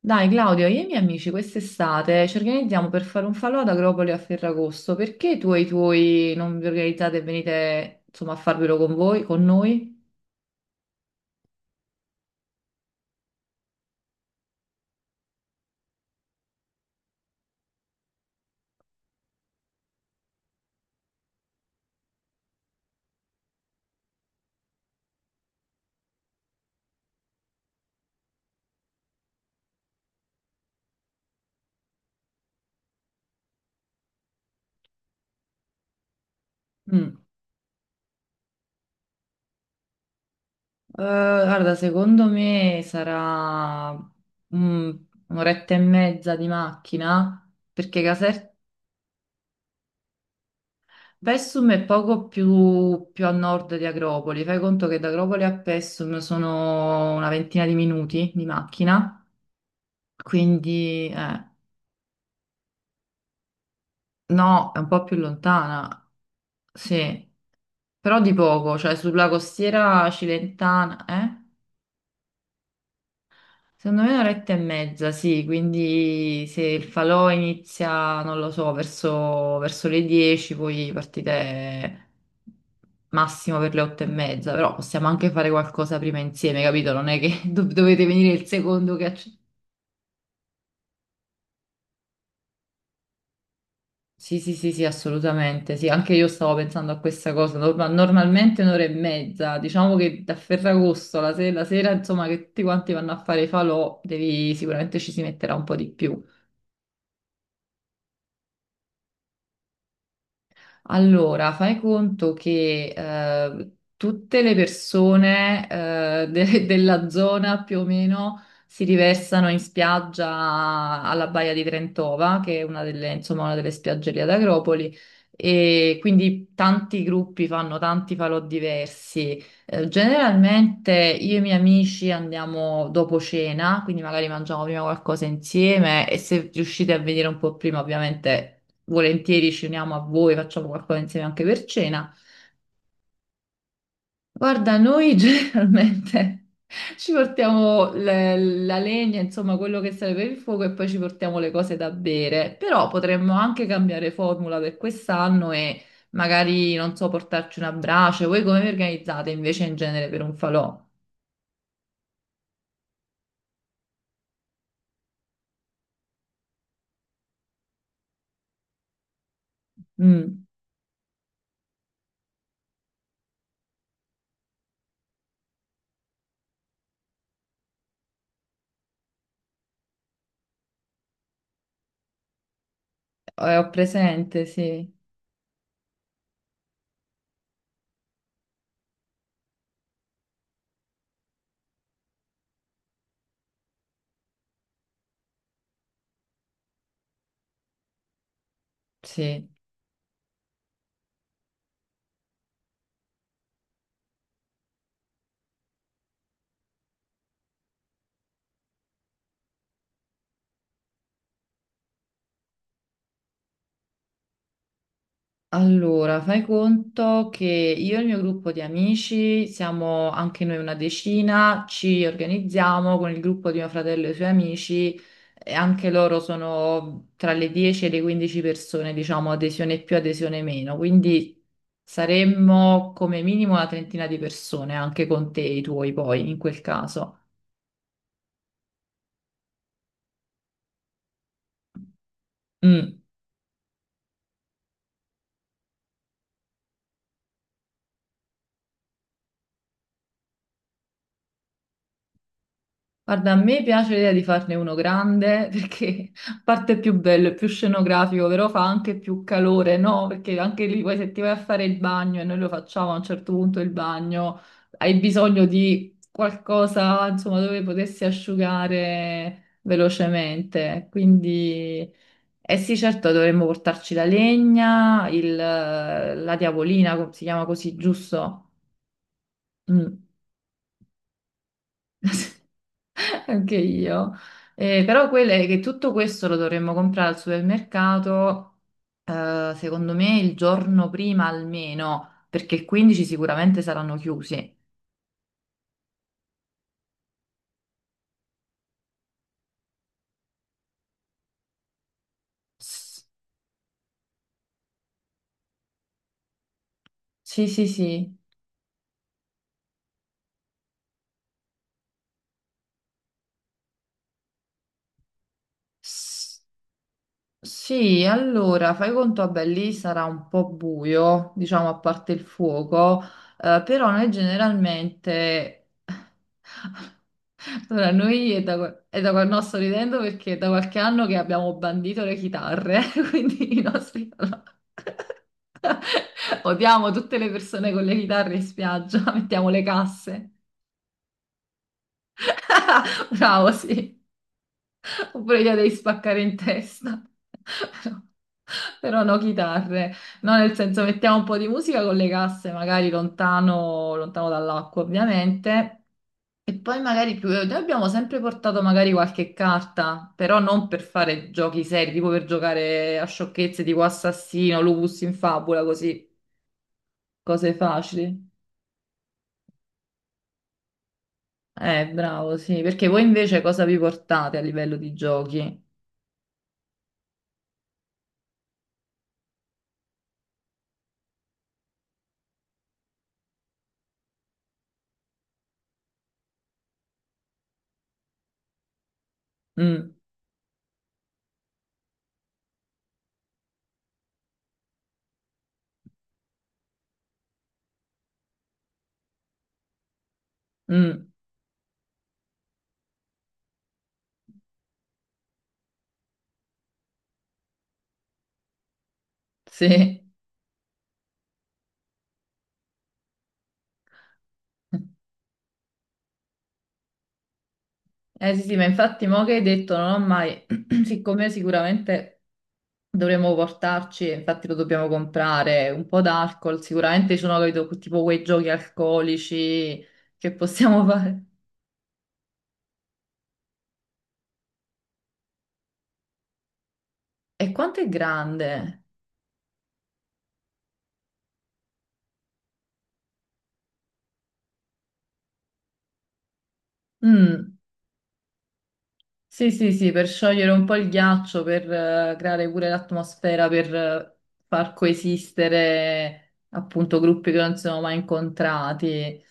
Dai Claudio, io e i miei amici quest'estate ci organizziamo per fare un falò ad Agropoli a Ferragosto. Perché tu e i tuoi non vi organizzate e venite insomma a farvelo con voi, con noi? Mm. Guarda, secondo me sarà un'oretta e mezza di macchina, perché Pessum è poco più, più a nord di Agropoli. Fai conto che da Agropoli a Pessum sono una ventina di minuti di macchina, quindi.... No, è un po' più lontana, sì, però di poco, cioè sulla costiera cilentana, eh? Secondo me un'oretta e mezza, sì, quindi se il falò inizia, non lo so, verso le 10, poi partite massimo per le 8 e mezza, però possiamo anche fare qualcosa prima insieme, capito? Non è che dovete venire il secondo che accetta. Sì, sì, sì, sì, assolutamente. Sì, anche io stavo pensando a questa cosa. Normalmente un'ora e mezza, diciamo che da Ferragosto, la, la sera, insomma, che tutti quanti vanno a fare i falò, devi, sicuramente ci si metterà un po' di più. Allora, fai conto che tutte le persone della zona più o meno si riversano in spiaggia alla Baia di Trentova, che è una delle, insomma, una delle spiagge lì ad Agropoli, e quindi tanti gruppi fanno tanti falò diversi. Generalmente io e i miei amici andiamo dopo cena, quindi magari mangiamo prima qualcosa insieme e se riuscite a venire un po' prima, ovviamente volentieri ci uniamo a voi, facciamo qualcosa insieme anche per cena. Guarda, noi generalmente ci portiamo la legna, insomma, quello che serve per il fuoco e poi ci portiamo le cose da bere, però potremmo anche cambiare formula per quest'anno e magari, non so, portarci una brace. Voi come vi organizzate invece in genere per un falò? Mm. Ho presente, sì, sì. Allora, fai conto che io e il mio gruppo di amici siamo anche noi una decina, ci organizziamo con il gruppo di mio fratello e i suoi amici, e anche loro sono tra le 10 e le 15 persone, diciamo, adesione più, adesione meno, quindi saremmo come minimo una trentina di persone, anche con te e i tuoi poi, in quel caso. Mm. Guarda, a me piace l'idea di farne uno grande perché a parte è più bello, è più scenografico, però fa anche più calore, no? Perché anche lì poi se ti vai a fare il bagno e noi lo facciamo a un certo punto il bagno, hai bisogno di qualcosa, insomma, dove potessi asciugare velocemente. Quindi, eh sì, certo, dovremmo portarci la legna, la diavolina, si chiama così, giusto? Mm. Anche io. Però quello è che tutto questo lo dovremmo comprare al supermercato, secondo me il giorno prima almeno, perché il 15 sicuramente saranno chiusi. S- Sì, sì, sì. Sì, allora fai conto, vabbè, lì sarà un po' buio, diciamo a parte il fuoco, però noi generalmente, allora noi è da, è da quando no, sto ridendo perché è da qualche anno che abbiamo bandito le chitarre, quindi i nostri... allora, odiamo tutte le persone con le chitarre in spiaggia, mettiamo le casse. Bravo, sì. Oppure gliela devi spaccare in testa. Però, però no chitarre. No, nel senso mettiamo un po' di musica con le casse, magari lontano dall'acqua, ovviamente. E poi magari più... noi abbiamo sempre portato magari qualche carta, però non per fare giochi seri, tipo per giocare a sciocchezze tipo assassino, lupus in fabula, così, cose facili. Bravo, sì, perché voi invece cosa vi portate a livello di giochi? Mm, mm, sì. Eh sì, sì, ma infatti mo che hai detto non ho mai, siccome sicuramente dovremmo portarci, e infatti lo dobbiamo comprare, un po' d'alcol, sicuramente ci sono capito, tipo quei giochi alcolici che possiamo fare. E quanto è grande? Mm, sì, sì, sì, per sciogliere un po' il ghiaccio, per creare pure l'atmosfera, per far coesistere appunto gruppi che non si sono mai incontrati.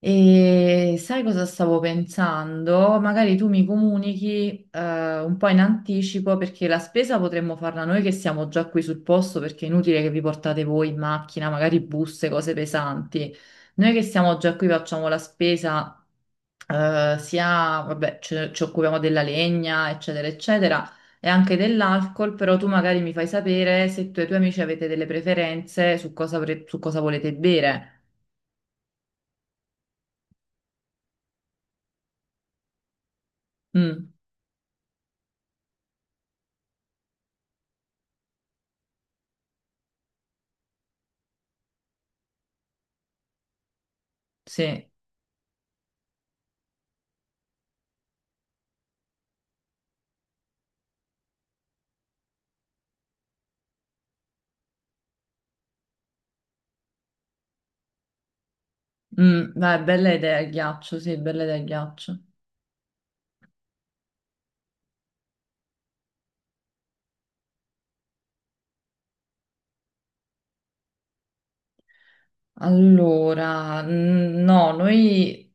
E sai cosa stavo pensando? Magari tu mi comunichi un po' in anticipo perché la spesa potremmo farla noi che siamo già qui sul posto perché è inutile che vi portate voi in macchina, magari buste, cose pesanti. Noi che siamo già qui facciamo la spesa sia, vabbè, ci occupiamo della legna, eccetera, eccetera, e anche dell'alcol, però tu magari mi fai sapere se tu e i tuoi amici avete delle preferenze su cosa, su cosa volete bere. Mm, sì. Mm, beh, bella idea il ghiaccio, sì, bella idea il ghiaccio. Allora, no, noi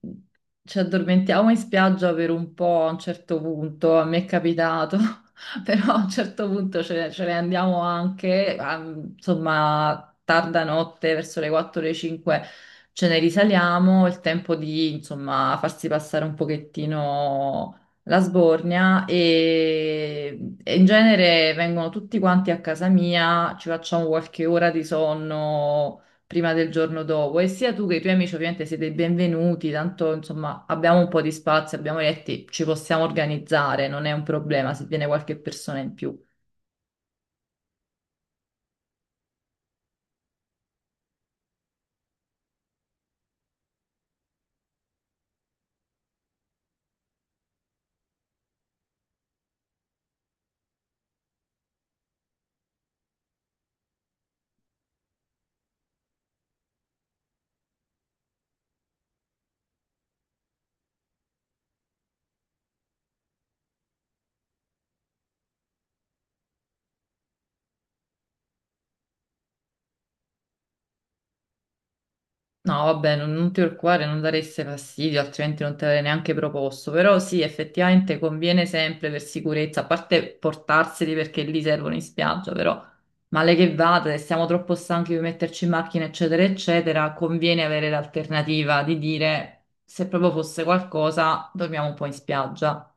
ci addormentiamo in spiaggia per un po' a un certo punto, a me è capitato, però a un certo punto ce ne andiamo anche, a- insomma, tarda notte, verso le 4 le 5 ce ne risaliamo, il tempo di, insomma, farsi passare un pochettino la sbornia e in genere vengono tutti quanti a casa mia, ci facciamo qualche ora di sonno prima del giorno dopo e sia tu che i tuoi amici ovviamente siete i benvenuti, tanto insomma abbiamo un po' di spazio, abbiamo letti, ci possiamo organizzare, non è un problema se viene qualche persona in più. No, vabbè, non ti preoccupare, non dareste fastidio, altrimenti non te l'avrei neanche proposto. Però sì, effettivamente conviene sempre per sicurezza, a parte portarseli perché lì servono in spiaggia, però male che vada, se siamo troppo stanchi di metterci in macchina, eccetera, eccetera, conviene avere l'alternativa di dire se proprio fosse qualcosa, dormiamo un po' in spiaggia.